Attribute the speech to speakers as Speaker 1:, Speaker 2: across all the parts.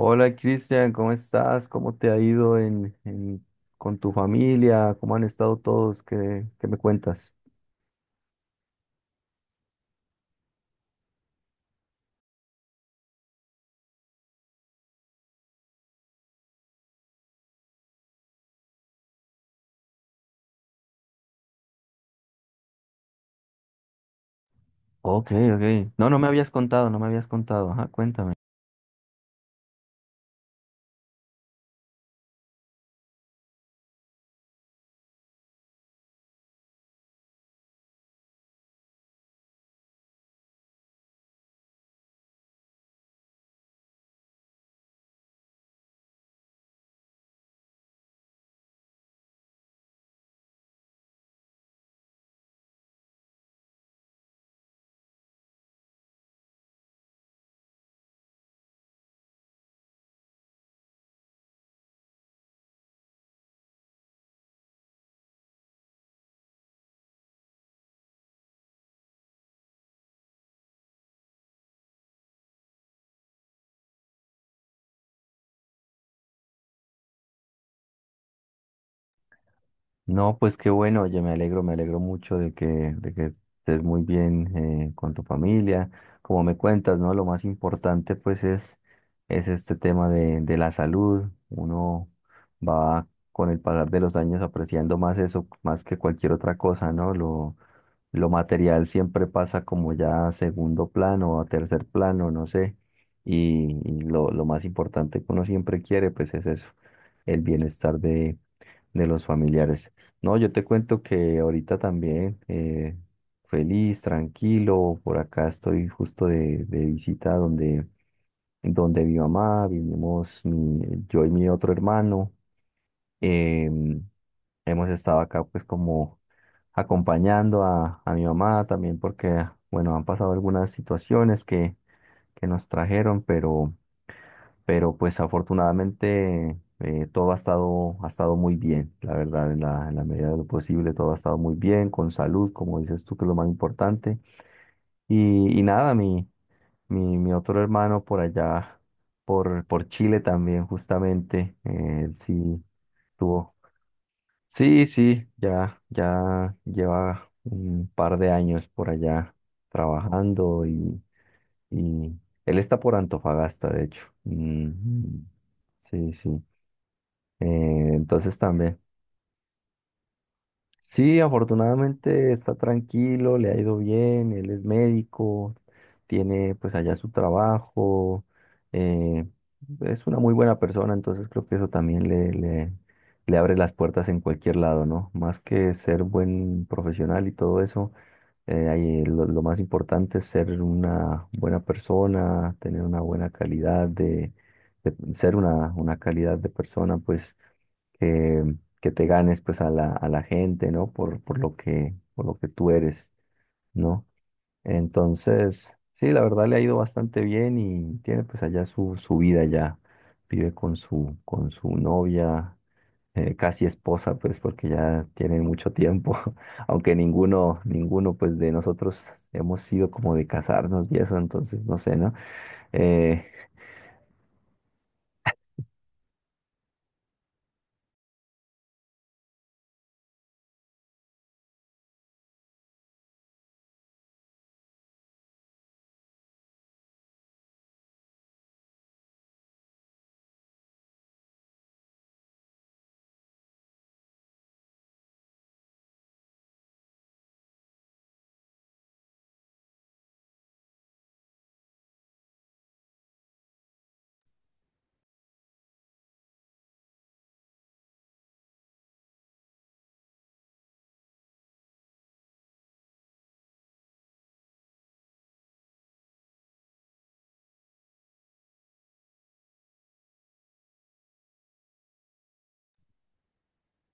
Speaker 1: Hola Cristian, ¿cómo estás? ¿Cómo te ha ido con tu familia? ¿Cómo han estado todos? ¿Qué me cuentas? Ok, ok. No, no me habías contado, no me habías contado. Ajá, cuéntame. No, pues qué bueno, oye, me alegro mucho de que estés muy bien con tu familia. Como me cuentas, ¿no? Lo más importante pues es este tema de la salud. Uno va con el pasar de los años apreciando más eso, más que cualquier otra cosa, ¿no? Lo material siempre pasa como ya a segundo plano o a tercer plano, no sé. Y lo más importante que uno siempre quiere pues es eso, el bienestar de los familiares. No, yo te cuento que ahorita también feliz, tranquilo, por acá estoy justo de visita donde mi mamá, vivimos yo y mi otro hermano. em, Hemos estado acá pues como acompañando a mi mamá también porque, bueno, han pasado algunas situaciones que nos trajeron, pero pues afortunadamente todo ha estado muy bien, la verdad, en la medida de lo posible, todo ha estado muy bien, con salud, como dices tú, que es lo más importante. Y nada, mi otro hermano por allá, por Chile también, justamente, él sí tuvo. Sí, sí, ya lleva un par de años por allá trabajando y él está por Antofagasta, de hecho. Mm, sí, sí. Entonces también. Sí, afortunadamente está tranquilo, le ha ido bien, él es médico, tiene pues allá su trabajo, eh, es una muy buena persona, entonces creo que eso también le abre las puertas en cualquier lado, ¿no? Más que ser buen profesional y todo eso, ahí lo más importante es ser una buena persona, tener una buena calidad ser una calidad de persona, pues que, que te ganes pues a la gente, ¿no? Por por lo que tú eres, ¿no? Entonces, sí, la verdad le ha ido bastante bien y tiene pues allá su vida ya. Vive con su novia, casi esposa, pues porque ya tienen mucho tiempo, aunque ninguno pues de nosotros hemos sido como de casarnos y eso, entonces no sé, ¿no? Eh,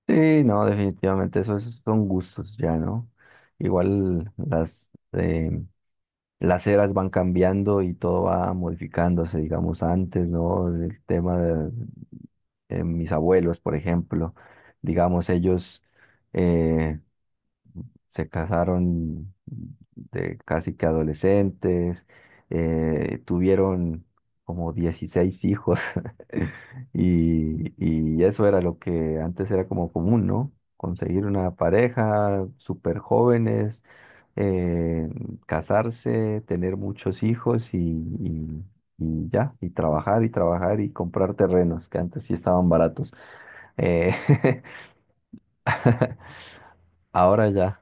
Speaker 1: sí, no, definitivamente eso son gustos ya, ¿no? Igual las eras van cambiando y todo va modificándose, digamos, antes, ¿no? El tema de mis abuelos, por ejemplo, digamos, ellos... eh, se casaron de casi que adolescentes, tuvieron como 16 hijos y eso era lo que antes era como común, ¿no? Conseguir una pareja, súper jóvenes, eh, casarse, tener muchos hijos y ya, y trabajar y trabajar y comprar terrenos que antes sí estaban baratos. Eh, Ahora ya.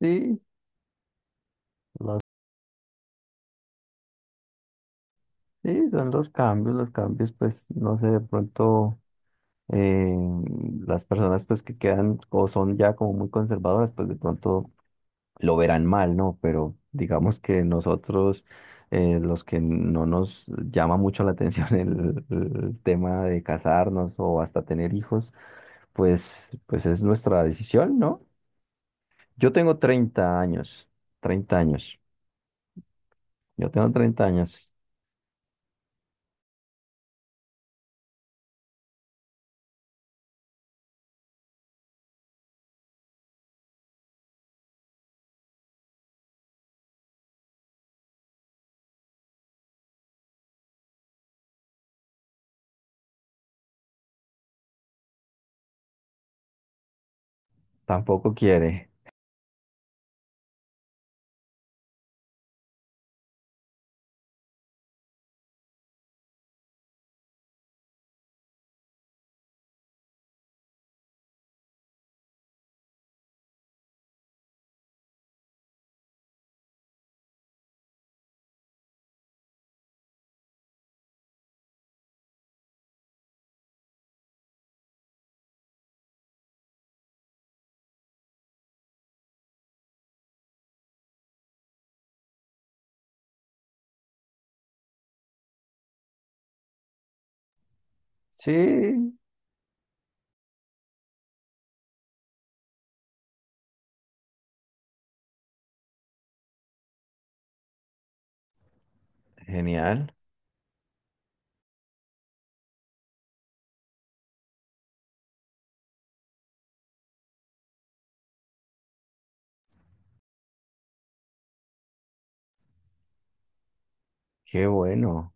Speaker 1: Sí, sí, son los cambios, pues, no sé, de pronto eh, las personas pues que quedan o son ya como muy conservadoras, pues de pronto lo verán mal, ¿no? Pero digamos que nosotros, los que no nos llama mucho la atención el tema de casarnos o hasta tener hijos, pues es nuestra decisión, ¿no? Yo tengo 30 años, 30 años, yo tengo 30 años. Tampoco quiere. Sí, genial. Qué bueno.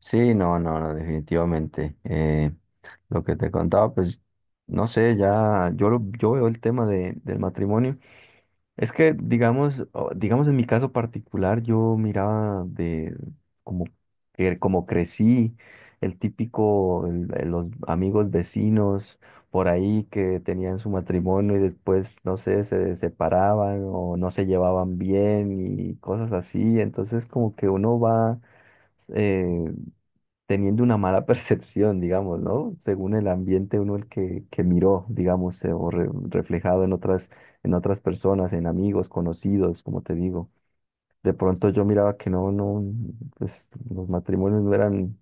Speaker 1: Sí, no, no, no, definitivamente. Lo que te contaba, pues, no sé, ya, yo veo el tema del matrimonio. Es que, digamos, digamos en mi caso particular, yo miraba de como, como crecí, el típico, los amigos vecinos por ahí que tenían su matrimonio y después, no sé, se separaban o no se llevaban bien y cosas así. Entonces, como que uno va eh, teniendo una mala percepción, digamos, ¿no? Según el ambiente uno el que miró, digamos, o reflejado en otras, personas, en amigos, conocidos, como te digo. De pronto yo miraba que no, no, pues los matrimonios no eran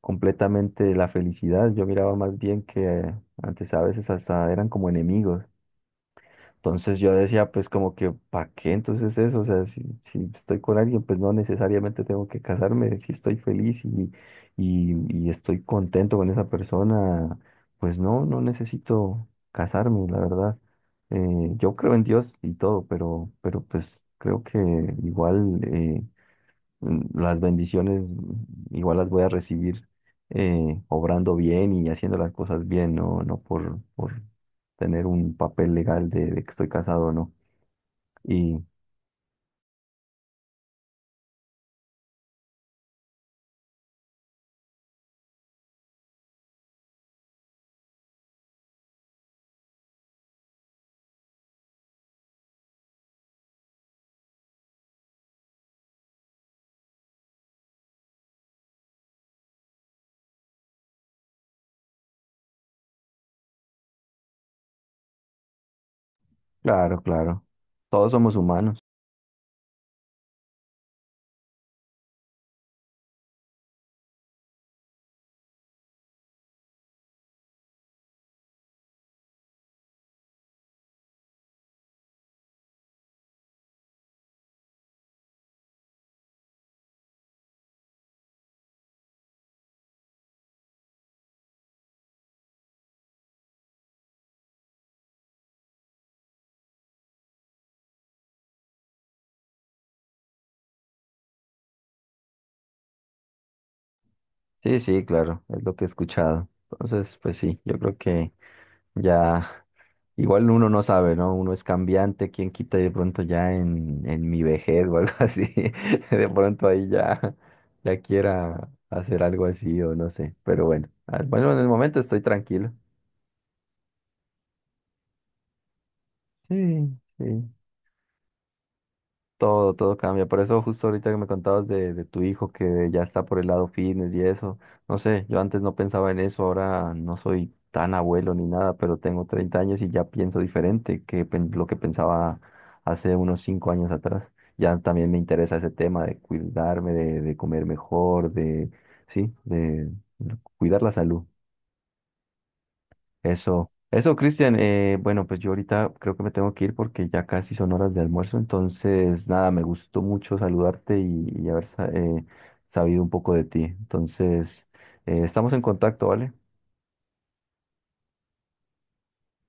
Speaker 1: completamente la felicidad, yo miraba más bien que antes a veces hasta eran como enemigos. Entonces yo decía, pues como que, ¿para qué entonces eso? O sea, si estoy con alguien, pues no necesariamente tengo que casarme. Si estoy feliz y estoy contento con esa persona, pues no necesito casarme, la verdad. Yo creo en Dios y todo, pero pues creo que igual las bendiciones igual las voy a recibir obrando bien y haciendo las cosas bien, no por tener un papel legal de que estoy casado o no. Y claro, claro, todos somos humanos. Sí, sí, claro, es lo que he escuchado. Entonces, pues sí, yo creo que ya. Igual uno no sabe, ¿no? Uno es cambiante, quién quita y de pronto ya en mi vejez o algo así, de pronto ahí ya quiera hacer algo así o no sé, pero bueno, bueno, en el momento estoy tranquilo. Sí, sí. Todo cambia. Por eso justo ahorita que me contabas de tu hijo que ya está por el lado fitness y eso. No sé, yo antes no pensaba en eso, ahora no soy tan abuelo ni nada, pero tengo 30 años y ya pienso diferente que lo que pensaba hace unos 5 años atrás. Ya también me interesa ese tema de cuidarme, de comer mejor, sí, de cuidar la salud. Eso, Cristian. Bueno, pues yo ahorita creo que me tengo que ir porque ya casi son horas de almuerzo. Entonces, nada, me gustó mucho saludarte y haber sabido un poco de ti. Entonces, estamos en contacto, ¿vale?